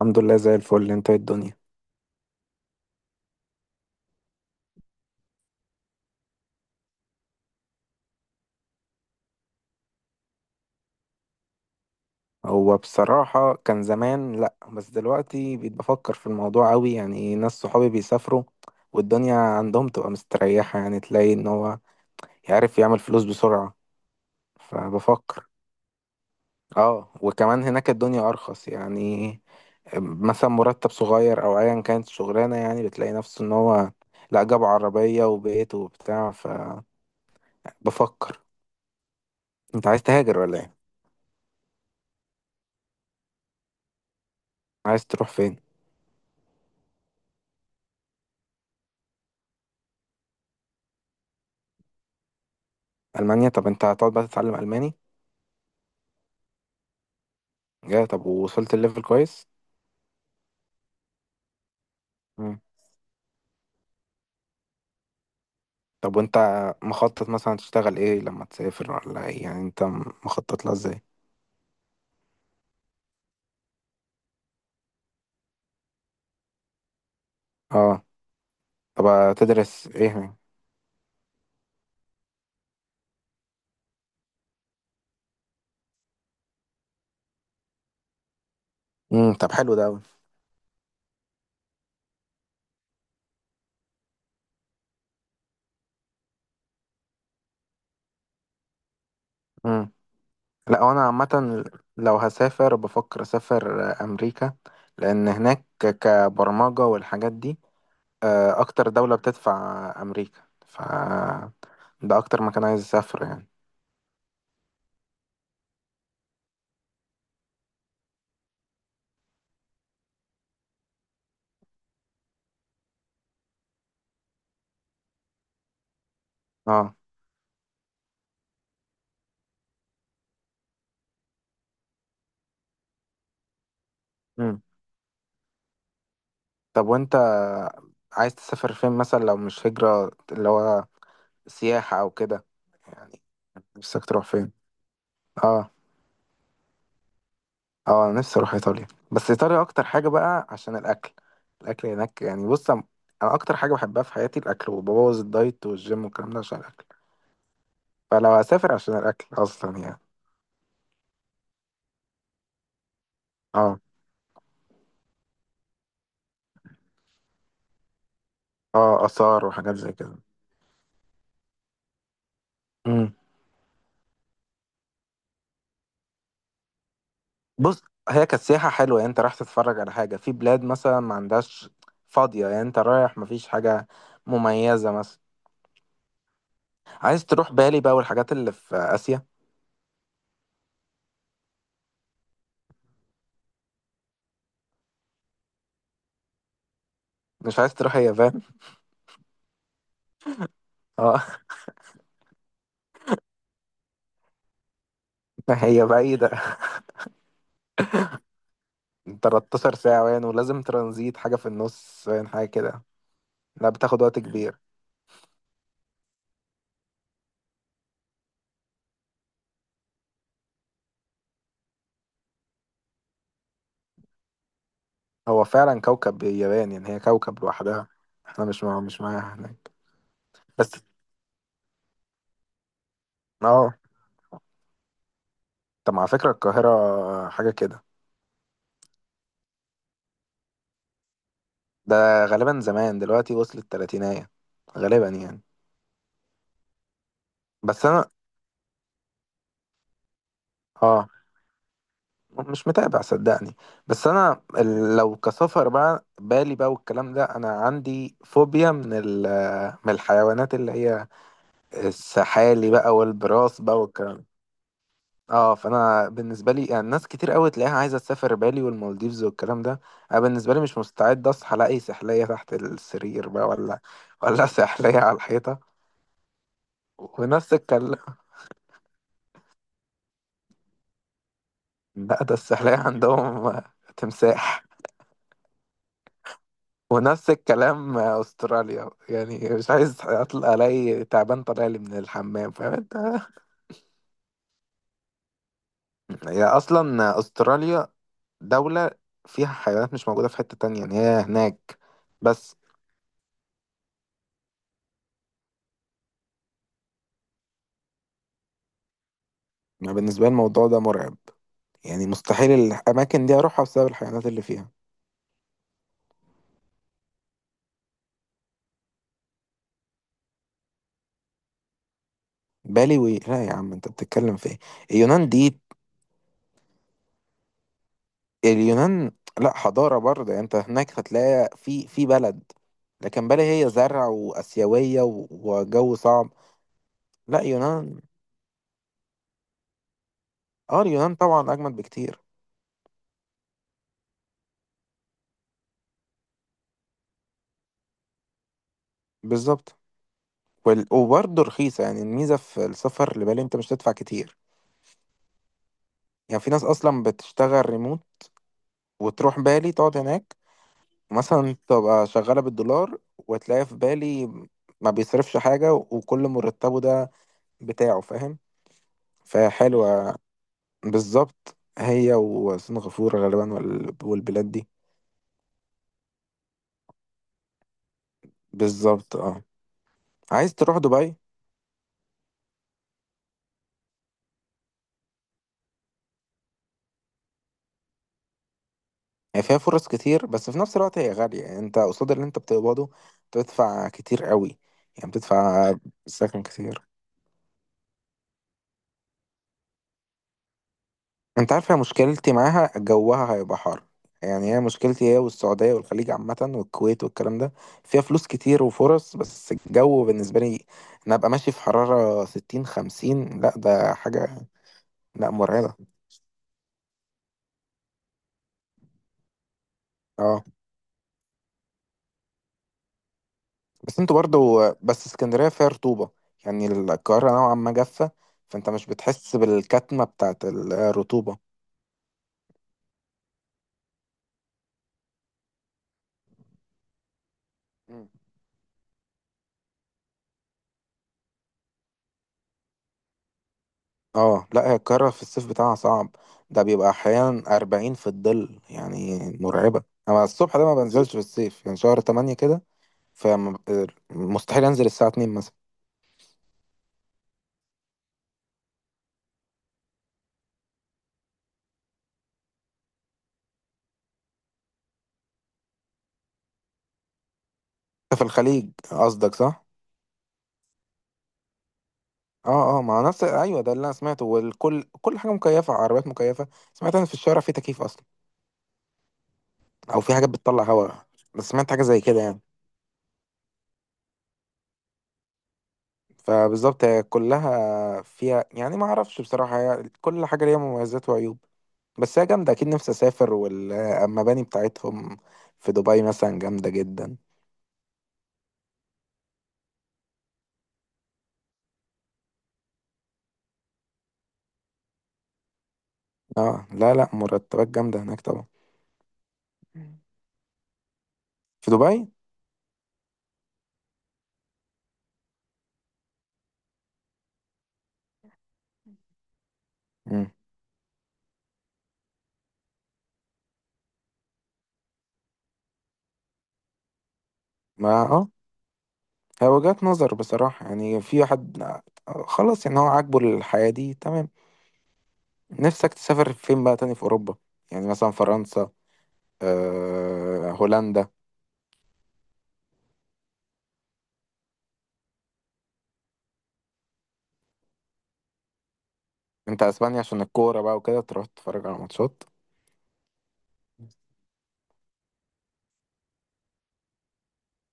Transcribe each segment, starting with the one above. الحمد لله زي الفل. انت ايه الدنيا؟ هو بصراحة كان زمان لأ، بس دلوقتي بقيت بفكر في الموضوع أوي. يعني ناس صحابي بيسافروا والدنيا عندهم تبقى مستريحة، يعني تلاقي إن هو يعرف يعمل فلوس بسرعة، فبفكر. اه وكمان هناك الدنيا أرخص يعني، مثلا مرتب صغير أو أيا كانت الشغلانة، يعني بتلاقي نفسه إن هو لأ جاب عربية وبيت وبتاع، فبفكر. انت عايز تهاجر ولا ايه؟ عايز تروح فين؟ ألمانيا؟ طب انت هتقعد بقى تتعلم ألماني؟ يا طب، ووصلت الليفل كويس؟ مم. طب وانت مخطط مثلا تشتغل ايه لما تسافر ولا ايه؟ يعني انت مخطط لها ازاي؟ اه. طب تدرس ايه؟ طب حلو ده قوي. امم. لا وانا عامه لو هسافر بفكر اسافر امريكا، لان هناك كبرمجه والحاجات دي اكتر دوله بتدفع امريكا، ف ده اكتر مكان عايز اسافر يعني. اه. امم. طب وانت عايز تسافر فين مثلا لو مش هجرة، اللي هو سياحة أو كده يعني؟ نفسك تروح فين؟ اه. اه أنا نفسي أروح إيطاليا، بس إيطاليا أكتر حاجة بقى عشان الأكل. الأكل هناك يعني، بص أنا أنا أكتر حاجة بحبها في حياتي الأكل، وببوظ الدايت والجيم والكلام ده عشان الأكل. فلو هسافر عشان الأكل أصلا يعني. اه. اه آثار وحاجات زي كده. امم. بص، هي كانت سياحة حلوة يعني أنت رايح تتفرج على حاجة في بلاد مثلا ما عندهاش. فاضية يعني أنت رايح مفيش حاجة مميزة مثلا. عايز تروح بالي بقى والحاجات اللي في آسيا؟ مش عايز تروح اليابان؟ اه هي بعيدة. 13 ساعة وين، ولازم ترانزيت حاجة في النص وين، حاجة كده. لا بتاخد وقت كبير. هو فعلا كوكب اليابان، يعني هي كوكب لوحدها. احنا مش معاها هناك بس. اه طب على فكرة القاهرة حاجة كده. ده غالبا زمان دلوقتي وصلت تلاتينية، غالبا يعني. بس انا اه مش متابع صدقني. بس انا لو كسفر بقى بالي بقى والكلام ده، انا عندي فوبيا من من الحيوانات اللي هي السحالي بقى والبراس بقى والكلام ده. اه فانا بالنسبه لي يعني ناس كتير قوي تلاقيها عايزه تسافر بالي والمالديفز والكلام ده. انا بالنسبه لي مش مستعد اصحى الاقي سحليه تحت السرير بقى ولا ولا سحليه على الحيطه ونفس الكلام. لا ده السحليه عندهم تمساح. ونفس الكلام استراليا، يعني مش عايز اطلع الاقي تعبان طالع لي من الحمام، فاهم انت. هي اصلا استراليا دولة فيها حيوانات مش موجودة في حتة تانية، يعني هي هناك بس. أنا بالنسبة لي الموضوع ده مرعب، يعني مستحيل الأماكن دي أروحها بسبب الحيوانات اللي فيها. بالي لا يا عم أنت بتتكلم في إيه؟ اليونان دي! اليونان لا حضارة برضه، يعني أنت هناك هتلاقي في بلد، لكن بالي هي زرع وآسيوية وجو صعب. لا يونان. اه اليونان طبعا أجمد بكتير. بالظبط. وبرضه رخيصة، يعني الميزة في السفر لبالي أنت مش هتدفع كتير. يعني في ناس أصلا بتشتغل ريموت وتروح بالي تقعد هناك، مثلا تبقى شغالة بالدولار، وتلاقي في بالي ما بيصرفش حاجة وكل مرتبه ده بتاعه، فاهم. فحلوة. بالظبط، هي وسنغافورة غالبا والبلاد دي. بالظبط اه. عايز تروح دبي؟ هي فيها فرص كتير، بس في نفس الوقت هي غالية، يعني انت قصاد اللي انت بتقبضه تدفع كتير قوي. يعني بتدفع سكن كتير. انت عارفة مشكلتي معاها، جوها هيبقى حر. يعني هي مشكلتي، هي والسعودية والخليج عامة والكويت والكلام ده، فيها فلوس كتير وفرص بس الجو بالنسبة لي. انا ابقى ماشي في حرارة ستين خمسين، لا ده حاجة. لا مرعبة. اه بس انتوا برضو، بس اسكندرية فيها رطوبة، يعني القاهرة نوعا ما جافة، فانت مش بتحس بالكتمة بتاعت الرطوبة. اه لا هي القاهرة في الصيف بتاعها صعب، ده بيبقى أحيانا أربعين في الظل، يعني مرعبة. أنا الصبح ده ما بنزلش في الصيف يعني، شهر تمانية كده، فمستحيل أنزل الساعة اتنين مثلا. أنت في الخليج قصدك، صح؟ اه اه ما هو نفس أيوه، ده اللي أنا سمعته، والكل كل حاجة مكيفة، عربيات مكيفة. سمعت أنا في الشارع في تكييف أصلا، أو في حاجات بتطلع هواء. بس سمعت حاجة زي كده يعني. فبالظبط هي كلها فيها، يعني ما أعرفش بصراحة، هي كل حاجة ليها مميزات وعيوب. بس هي جامدة أكيد، نفسي أسافر. والمباني بتاعتهم في دبي مثلا جامدة جدا. اه لا لا، مرتبات جامدة هناك طبعا. مم. في دبي. مم. ما اه هي وجهة نظر بصراحة، يعني في واحد خلاص يعني هو عاجبه الحياة دي، تمام. نفسك تسافر فين بقى تاني في أوروبا؟ يعني مثلا فرنسا، آه هولندا. أنت أسبانيا عشان الكورة بقى وكده، تروح تتفرج على ماتشات.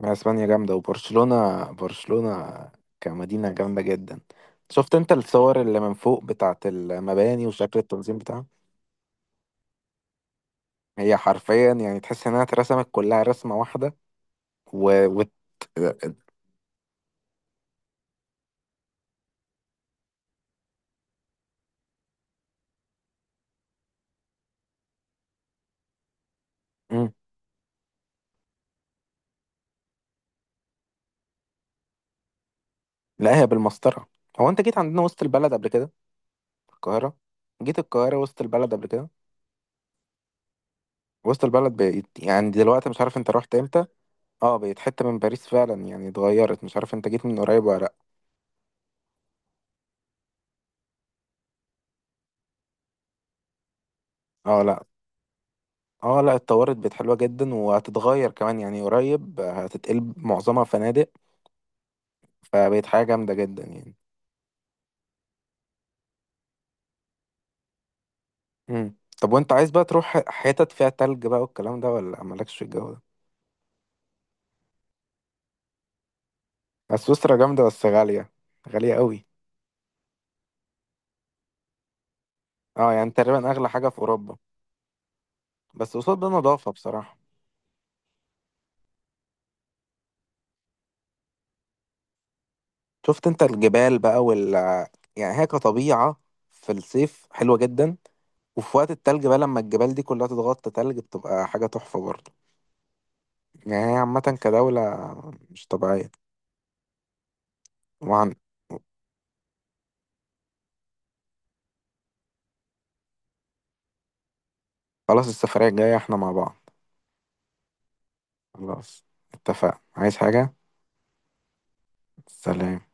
ما اسبانيا جامده، وبرشلونه برشلونه كمدينه جامده جدا. شفت انت الصور اللي من فوق بتاعت المباني وشكل التنظيم بتاعها؟ هي حرفيا يعني تحس انها اترسمت كلها رسمه واحده. و... وت... مم. لا هي بالمسطره. هو انت جيت عندنا وسط البلد قبل كده؟ القاهره، جيت القاهره وسط البلد قبل كده؟ وسط البلد بقيت يعني، دلوقتي مش عارف انت رحت امتى. اه بقت حته من باريس فعلا يعني، اتغيرت. مش عارف انت جيت من قريب ولا لا. اه لا. اه لا اتطورت، بقت حلوة جدا، وهتتغير كمان يعني قريب، هتتقلب معظمها فنادق. فبقت حاجة جامدة جدا يعني. مم. طب وانت عايز بقى تروح حتت فيها تلج بقى والكلام ده، ولا مالكش في الجو ده؟ بس سويسرا جامدة، بس غالية، غالية قوي. اه يعني تقريبا اغلى حاجة في اوروبا. بس قصاد ده نظافة بصراحة. شفت انت الجبال بقى وال، يعني هي كطبيعة في الصيف حلوة جدا، وفي وقت التلج بقى لما الجبال دي كلها تتغطى تلج بتبقى حاجة تحفة برضه. يعني هي عامة كدولة مش طبيعية. وعن خلاص، السفرية الجاية احنا مع بعض. خلاص اتفقنا. عايز حاجة؟ سلام.